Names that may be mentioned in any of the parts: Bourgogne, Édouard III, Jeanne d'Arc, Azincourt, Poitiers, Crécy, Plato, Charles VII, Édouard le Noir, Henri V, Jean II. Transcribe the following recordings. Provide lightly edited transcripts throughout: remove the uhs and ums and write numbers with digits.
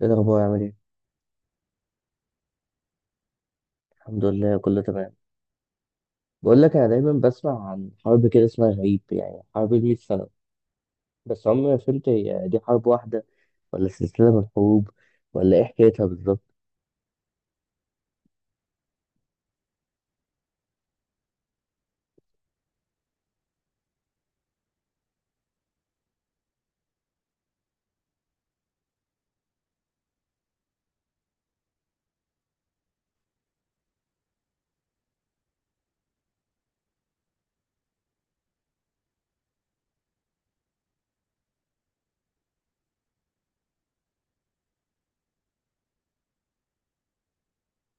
ايه الاخبار عامل ايه؟ الحمد لله كله تمام. بقول لك انا دايما بسمع عن حرب كده اسمها غريب يعني حرب المية سنه. بس عمري ما فهمت هي دي حرب واحده ولا سلسله من الحروب ولا ايه حكايتها بالظبط؟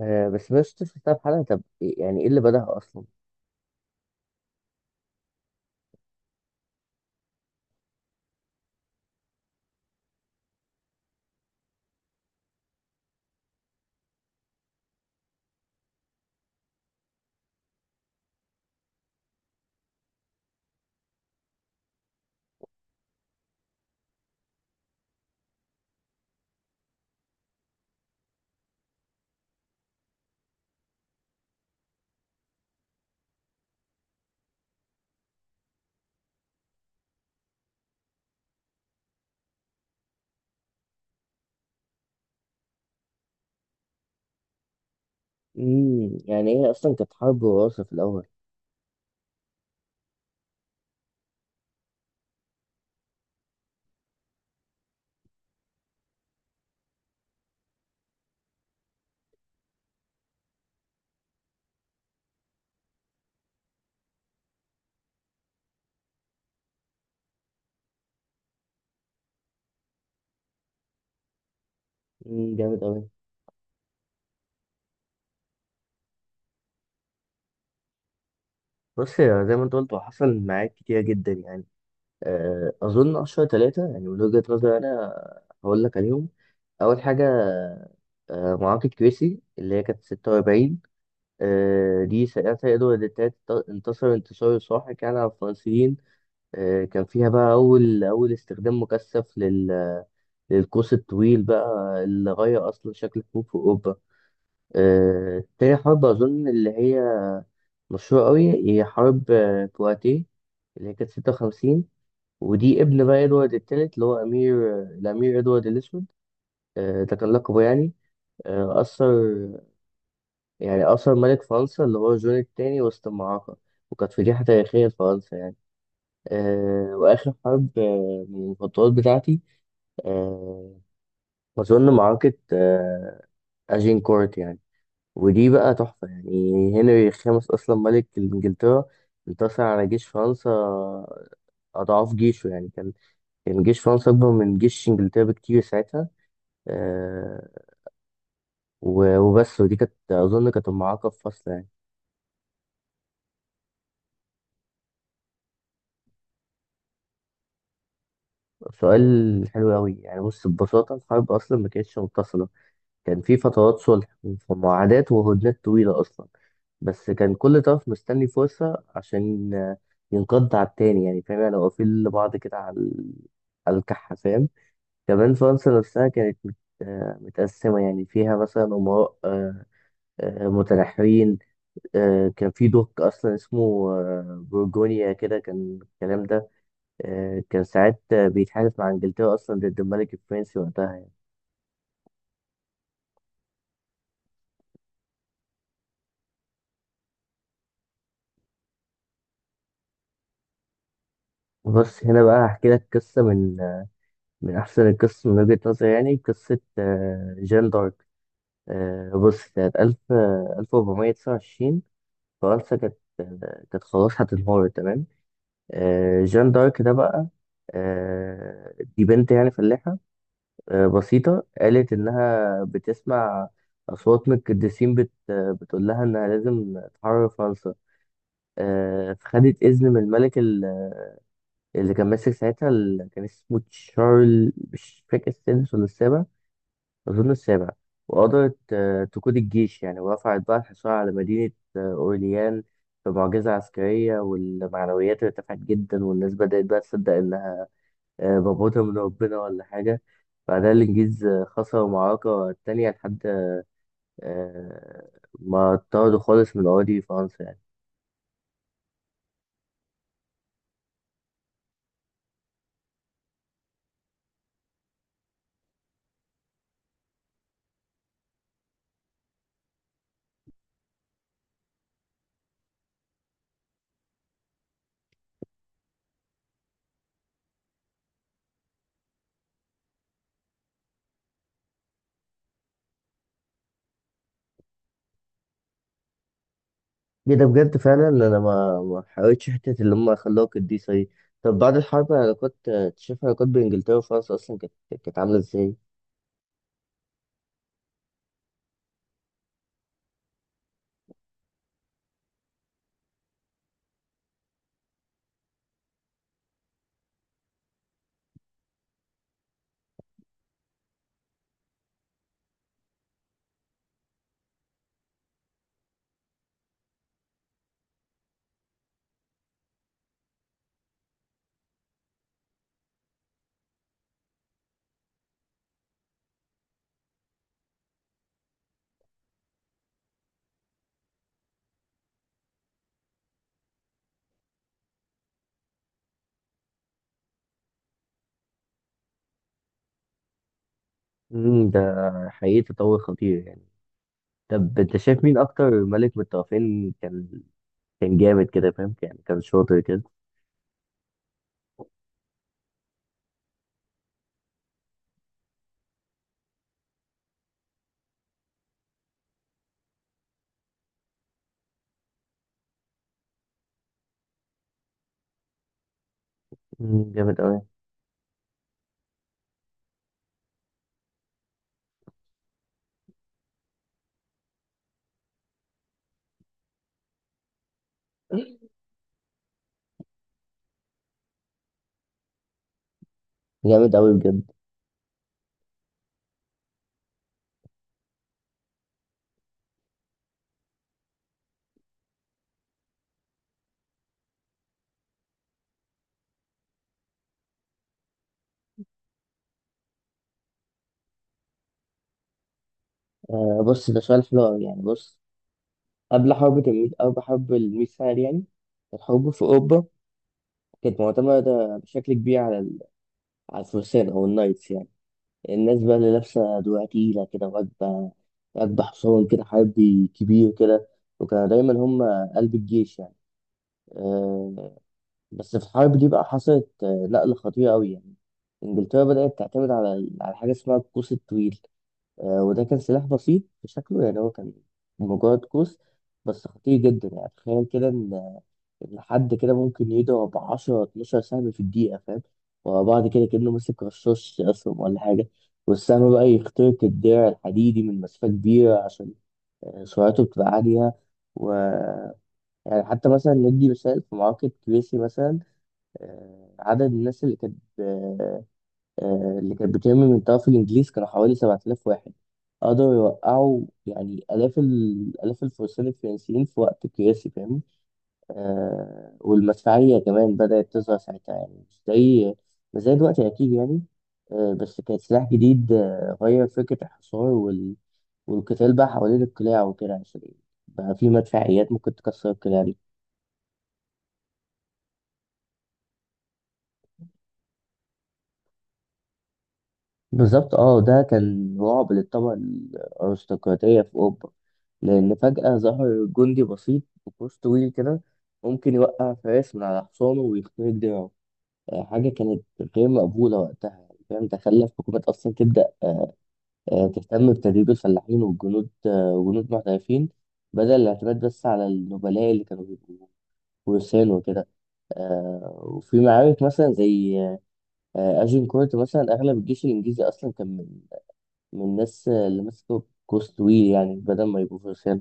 آه، بس شفتها في حلقه. طب يعني ايه اللي بدأها اصلا؟ يعني هي اصلا كانت حرب وراثه في الاول؟ جامد قوي. بص يا، زي ما انت قلت هو حصل معاك كتير جدا يعني. أظن أشهر ثلاثة يعني من وجهة نظري أنا هقول لك عليهم. أول حاجة، معركة كريسي اللي هي كانت 46. دي ساعتها إدوارد التالت انتصر انتصار ساحق يعني على الفرنسيين. كان فيها بقى أول استخدام مكثف للقوس الطويل بقى اللي غير أصلا شكل الحروب في أوروبا. تاني حرب أظن اللي هي مشهورة أوي، هي حرب بواتيه، اللي هي كانت 56. ودي ابن بقى ادوارد التالت اللي هو الامير ادوارد الاسود. ده كان لقبه يعني. اثر، يعني اثر ملك فرنسا اللي هو جون الثاني وسط المعركه، وكانت فضيحه تاريخيه لفرنسا يعني. واخر حرب من المفضلات بتاعتي. آه، اظن معركه اجينكورت يعني. ودي بقى تحفه يعني. هنري الخامس اصلا ملك انجلترا انتصر على جيش فرنسا اضعاف جيشه يعني. كان جيش فرنسا اكبر من جيش انجلترا بكتير ساعتها. آه، وبس. ودي كانت أظن كانت أم عقب فصل يعني. سؤال حلو أوي يعني. بص، ببساطة الحرب أصلا ما كانتش متصلة. كان في فترات صلح ومعاهدات وهدنات طويلة أصلا. بس كان كل طرف مستني فرصة عشان ينقض على التاني يعني، فاهم يعني؟ واقفين لبعض كده على على الكحة، فاهم. كمان فرنسا نفسها كانت متقسمة يعني، فيها مثلا أمراء متنحرين. كان في دوك اصلا اسمه بورجونيا كده، كان الكلام ده، كان ساعات بيتحالف مع انجلترا اصلا ضد الملك الفرنسي وقتها يعني. بس هنا بقى هحكي لك قصه من احسن القصص من وجهه نظري يعني، قصه جان دارك. بص، سنه 1000 1429، فرنسا كانت خلاص هتنهار تمام. جان دارك ده بقى، دي بنت يعني فلاحه بسيطة، قالت إنها بتسمع أصوات من القديسين بتقول لها إنها لازم تحرر فرنسا. فخدت إذن من الملك اللي كان ماسك ساعتها، اللي كان اسمه تشارل، مش فاكر السادس ولا السابع، أظن السابع. وقدرت تقود الجيش يعني، ورفعت بقى الحصار على مدينة أورليان بمعجزة عسكرية. والمعنويات ارتفعت جدا والناس بدأت بقى تصدق إن بموتها من ربنا ولا حاجة. بعدها الإنجليز خسروا المعركة التانية، لحد آه، ما طردوا خالص من أراضي فرنسا يعني. إيه ده بجد؟ فعلا أنا ما حاولتش حتة اللي هم خلوها قديسة دي. طب بعد الحرب العلاقات، شايف العلاقات بين إنجلترا وفرنسا أصلا كانت عاملة إزاي؟ مم، ده حقيقي تطور خطير يعني. طب أنت شايف مين أكتر ملك من الطرفين كان جامد كده، فاهم يعني، كان شاطر كده؟ مم، جامد أوي. جامد أوي بجد. آه، بص ده سؤال حلو أوي يعني، بص. قبل حرب تمويل، قبل حرب الميثاق يعني، الحروب في أوروبا كانت معتمدة بشكل كبير على على الفرسان أو النايتس يعني. الناس بقى اللي لابسة دروع تقيلة كده، وراكبة حصان كده حربي كبير كده، وكانوا دايما هم قلب الجيش يعني. أه. بس في الحرب دي بقى حصلت نقلة خطيرة أوي يعني. إنجلترا بدأت تعتمد على على حاجة اسمها القوس الطويل. وده كان سلاح بسيط في شكله يعني، هو كان مجرد قوس بس خطير جدا يعني. تخيل كده، لحد كده ممكن يضرب 10 12 سهم في الدقيقة، فاهم؟ ورا بعض كده كأنه ماسك رشاش أصلا ولا حاجة. والسهم بقى يخترق الدرع الحديدي من مسافة كبيرة عشان سرعته بتبقى عالية. و، يعني حتى مثلا ندي مثال في معركة كريسي مثلا، عدد الناس اللي كانت اللي كانت بترمي من طرف الإنجليز كانوا حوالي 7000 واحد. قدروا يوقعوا يعني آلاف آلاف الفرسان الفرنسيين في وقت كريسي، فاهم. والمدفعية كمان بدأت تظهر ساعتها يعني، مش زي دلوقتي أكيد يعني. بس كان سلاح جديد، غير فكرة الحصار والقتال بقى حوالين القلاع وكده، عشان بقى في مدفعيات ممكن تكسر القلاع دي. بالظبط، اه، ده كان رعب للطبقة الأرستقراطية في أوروبا لأن فجأة ظهر جندي بسيط بقوس طويل كده ممكن يوقع فارس من على حصانه ويخترق دراعه. حاجة كانت غير مقبولة وقتها يعني، فاهم. ده خلى الحكومات أصلا تبدأ تهتم بتدريب الفلاحين والجنود، وجنود محترفين بدل الاعتماد بس على النبلاء اللي كانوا بيبقوا فرسان وكده. وفي معارك مثلا زي أجنكورت مثلا، أغلب الجيش الإنجليزي أصلا كان من الناس اللي مسكوا قوس طويل يعني بدل ما يبقوا فرسان.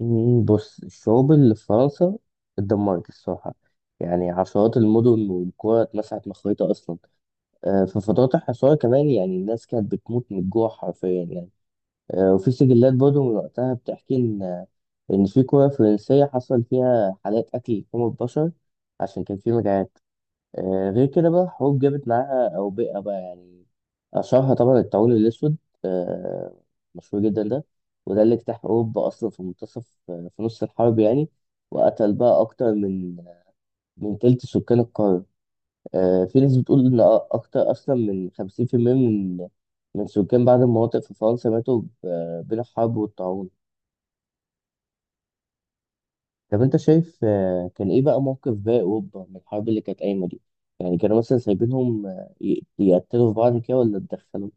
مم، بص الشعوب اللي في فرنسا اتدمرت الصراحة. يعني عشرات المدن والقرى اتمسحت من الخريطة أصلا. في فترات الحصار كمان يعني الناس كانت بتموت من الجوع حرفيا يعني. وفي سجلات برضه من وقتها بتحكي إن في قرى فرنسية حصل فيها حالات أكل لحوم البشر عشان كان في مجاعات. غير كده بقى الحروب جابت معاها أوبئة بقى يعني، أشهرها طبعا الطاعون الأسود، آه، مشهور جدا ده. وده اللي اجتاح أوروبا أصلا في منتصف، في نص الحرب يعني، وقتل بقى أكتر من تلت سكان القارة. في ناس بتقول إن أكتر أصلا من 50% من سكان بعض المناطق في فرنسا ماتوا بين الحرب والطاعون. طب انت شايف كان ايه بقى موقف باقي اوروبا من الحرب اللي كانت قايمه دي؟ يعني كانوا مثلا سايبينهم، يقتلوا في بعض كده ولا اتدخلوا؟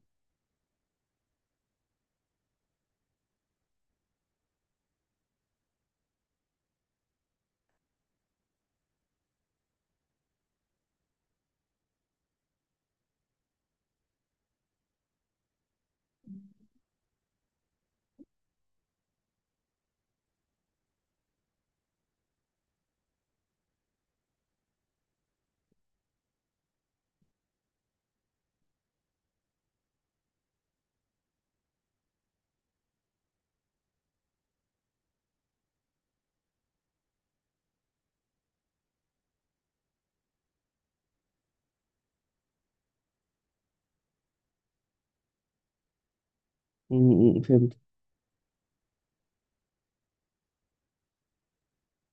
فهمت.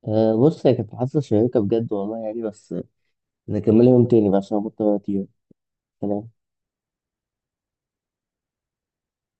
آه، بص هي كانت محادثه شيقه بجد والله يعني، بس نكملها يوم تاني بقى عشان أنا مضطر اطير. سلام.